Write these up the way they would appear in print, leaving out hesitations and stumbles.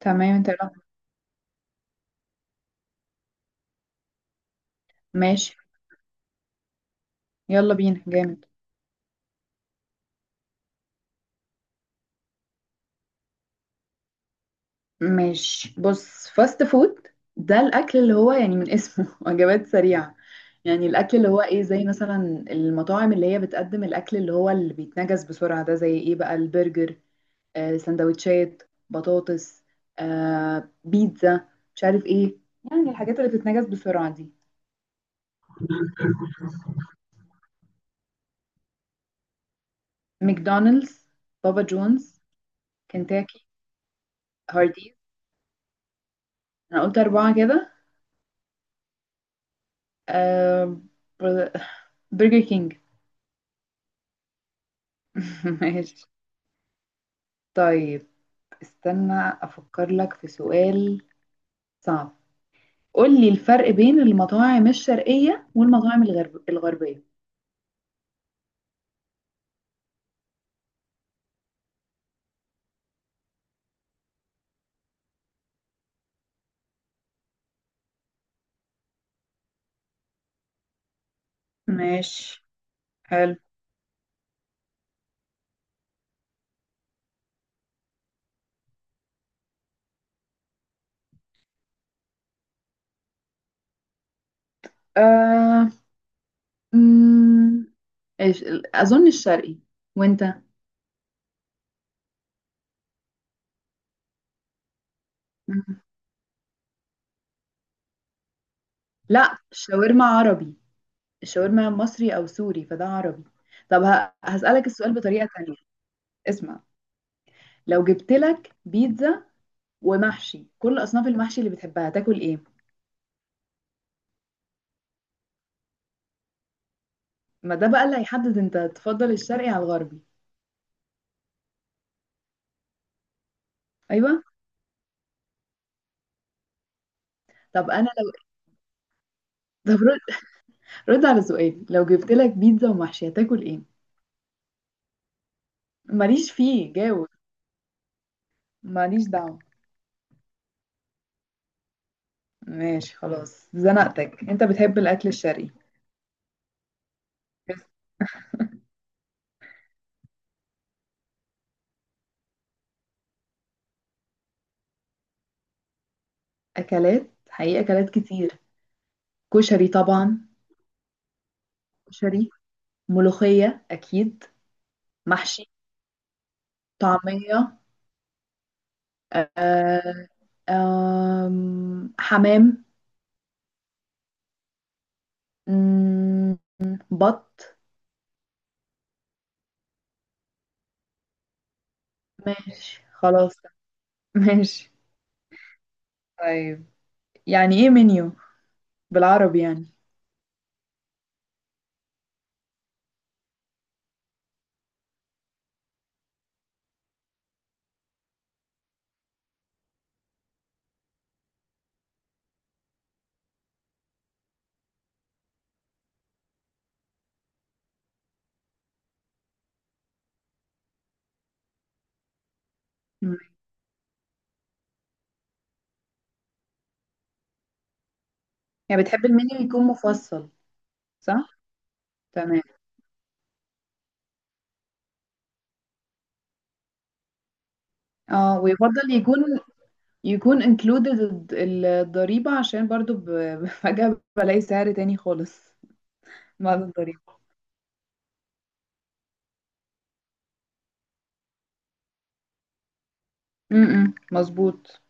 تمام، انت لا. ماشي. يلا بينا جامد. ماشي، بص فاست فود. ده الاكل اللي هو يعني من اسمه وجبات سريعه. يعني الاكل اللي هو ايه، زي مثلا المطاعم اللي هي بتقدم الاكل اللي هو اللي بيتنجز بسرعه، ده زي ايه بقى؟ البرجر، سندوتشات، بطاطس، بيتزا، مش عارف ايه. يعني الحاجات اللي بتتنجز بسرعه دي. ماكدونالدز، بابا جونز، كنتاكي، هارديز. انا قلت اربعه كده. آه بر- برجر كينج. ماشي. طيب، استنى افكر لك في سؤال صعب. قول لي الفرق بين المطاعم الشرقية والمطاعم الغربية. ماشي حلو. آه... مم... اظن الشرقي. وانت؟ مم. لا، الشاورما عربي. الشاورما مصري او سوري، فده عربي. طب هسألك السؤال بطريقة تانية. اسمع، لو جبت لك بيتزا ومحشي، كل اصناف المحشي اللي بتحبها، تاكل ايه؟ ما ده بقى اللي هيحدد انت تفضل الشرقي على الغربي. ايوه. طب انا لو طب رد على سؤالي، لو جبت لك بيتزا ومحشي هتاكل ايه؟ ماليش فيه جاوب. ماليش دعوه. ماشي، خلاص زنقتك، انت بتحب الاكل الشرقي. بس. اكلات، حقيقة اكلات كتير. كشري طبعا. كشري. ملوخية اكيد. محشي. طعمية. آه، آم، حمام. مم، بط. ماشي خلاص. ماشي. طيب، يعني ايه منيو؟ بالعربي يعني. مم. يعني بتحب المنيو يكون مفصل. صح. تمام. اه، ويفضل يكون included الضريبة، عشان برضو فجأة بلاقي سعر تاني خالص بعد الضريبة. مظبوط.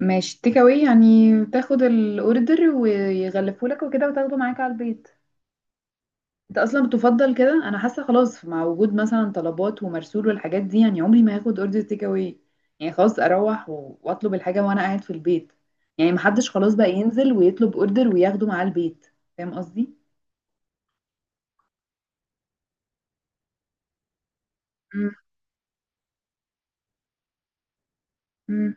ماشي، تيك اواي يعني تاخد الاوردر ويغلفهولك وكده وتاخده معاك على البيت. انت اصلا بتفضل كده؟ انا حاسه خلاص مع وجود مثلا طلبات ومرسول والحاجات دي، يعني عمري ما هاخد اوردر تيك اواي. يعني خلاص اروح واطلب الحاجه وانا قاعد في البيت. يعني محدش خلاص بقى ينزل ويطلب اوردر وياخده معاه البيت. فاهم قصدي؟ مم. مم.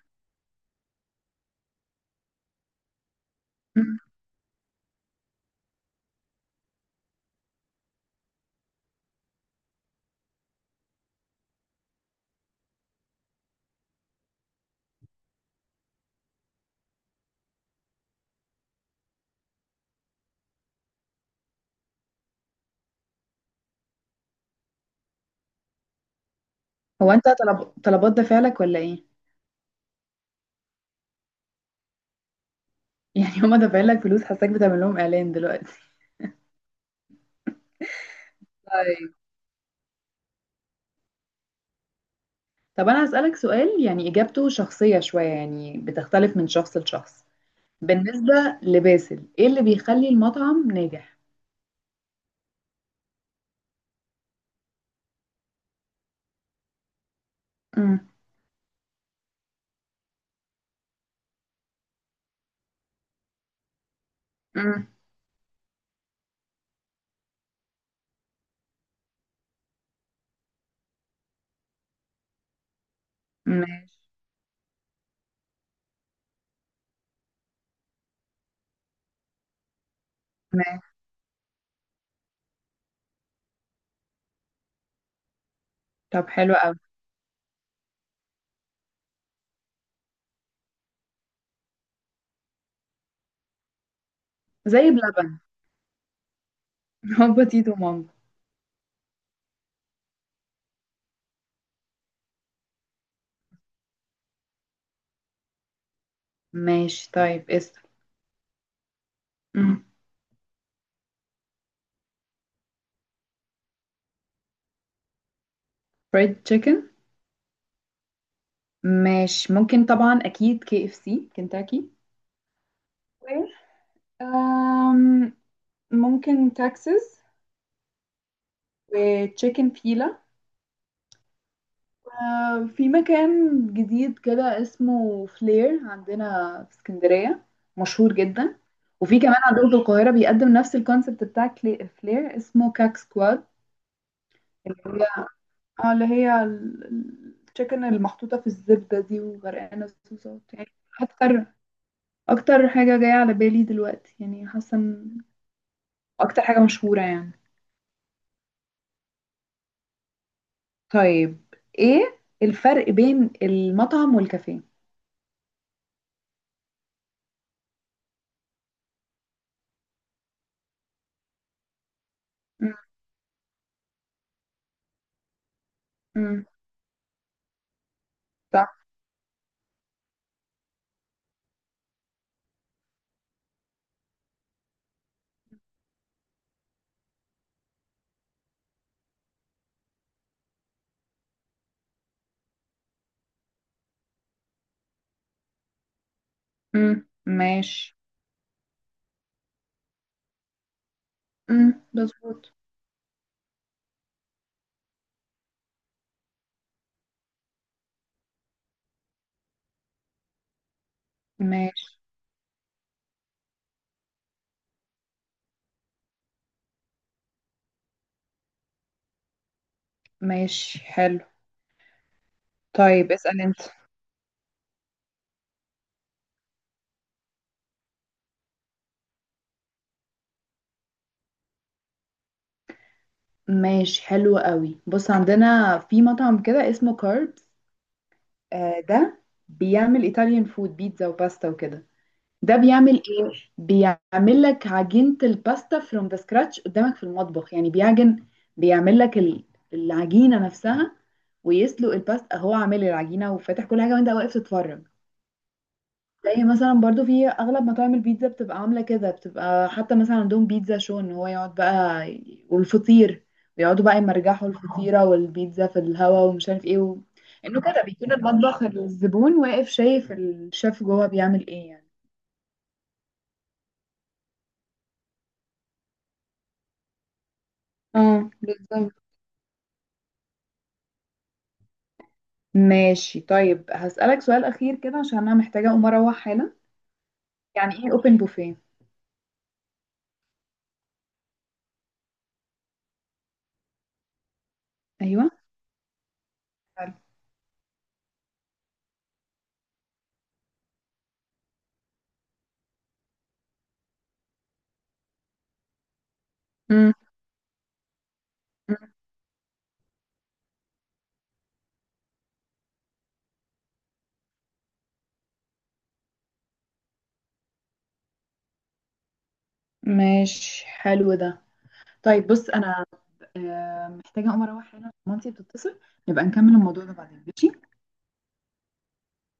مم. هو انت طلبات دافع لك ولا ايه؟ يعني هما دافعين لك فلوس؟ حاساك بتعمل لهم اعلان دلوقتي. طيب. طب انا هسألك سؤال، يعني اجابته شخصيه شويه، يعني بتختلف من شخص لشخص. بالنسبه لباسل، ايه اللي بيخلي المطعم ناجح؟ امم. ماشي. ماشي. طب حلو قوي. زي بلبن. هو تيتو مامبا. ماشي، طيب اسأل. امم فريد تشيكن. ماشي، ممكن طبعا اكيد كي اف سي، كنتاكي. و أم، ممكن تكساس. وتشيكن فيلا. في مكان جديد كده اسمه فلير عندنا في اسكندرية، مشهور جدا. وفي كمان عندهم في القاهرة بيقدم نفس الكونسبت بتاع فلير، اسمه كاك سكواد. اه، اللي هي التشيكن المحطوطة في الزبدة دي وغرقانة صوصات يعني. أكتر أكتر حاجة جاية على بالي دلوقتي، يعني حاسة إن أكتر حاجة مشهورة يعني. طيب، إيه الفرق بين المطعم والكافيه؟ مم. مم. صح. مم. ماشي. مم. مظبوط. ماشي. ماشي حلو. طيب اسأل انت. ماشي حلو قوي. بص، عندنا في مطعم كده اسمه كاربس. ده بيعمل ايطاليان فود، بيتزا وباستا وكده. ده بيعمل ايه؟ بيعمل لك عجينة الباستا from the scratch قدامك في المطبخ، يعني بيعجن. بيعمل لك العجينة نفسها، ويسلق الباستا. هو عامل العجينة وفاتح كل حاجة وانت واقف تتفرج. زي مثلا برضو في اغلب مطاعم البيتزا بتبقى عاملة كده، بتبقى حتى مثلا عندهم بيتزا شو، ان هو يقعد بقى والفطير. بيقعدوا بقى يمرجحوا الفطيرة والبيتزا في الهوا ومش عارف ايه انه كده بيكون المطبخ، الزبون واقف شايف الشيف جوه بيعمل ايه يعني. اه بالظبط. ماشي، طيب هسألك سؤال أخير كده عشان أنا محتاجة أقوم أروح حالا. يعني إيه أوبن بوفيه؟ أيوه. حلو. مم. مم. ماشي حلو ده. طيب، بص أنا محتاجة أقوم أروح حالا عشان مامتي بتتصل. نبقى نكمل الموضوع ده بعدين، ماشي.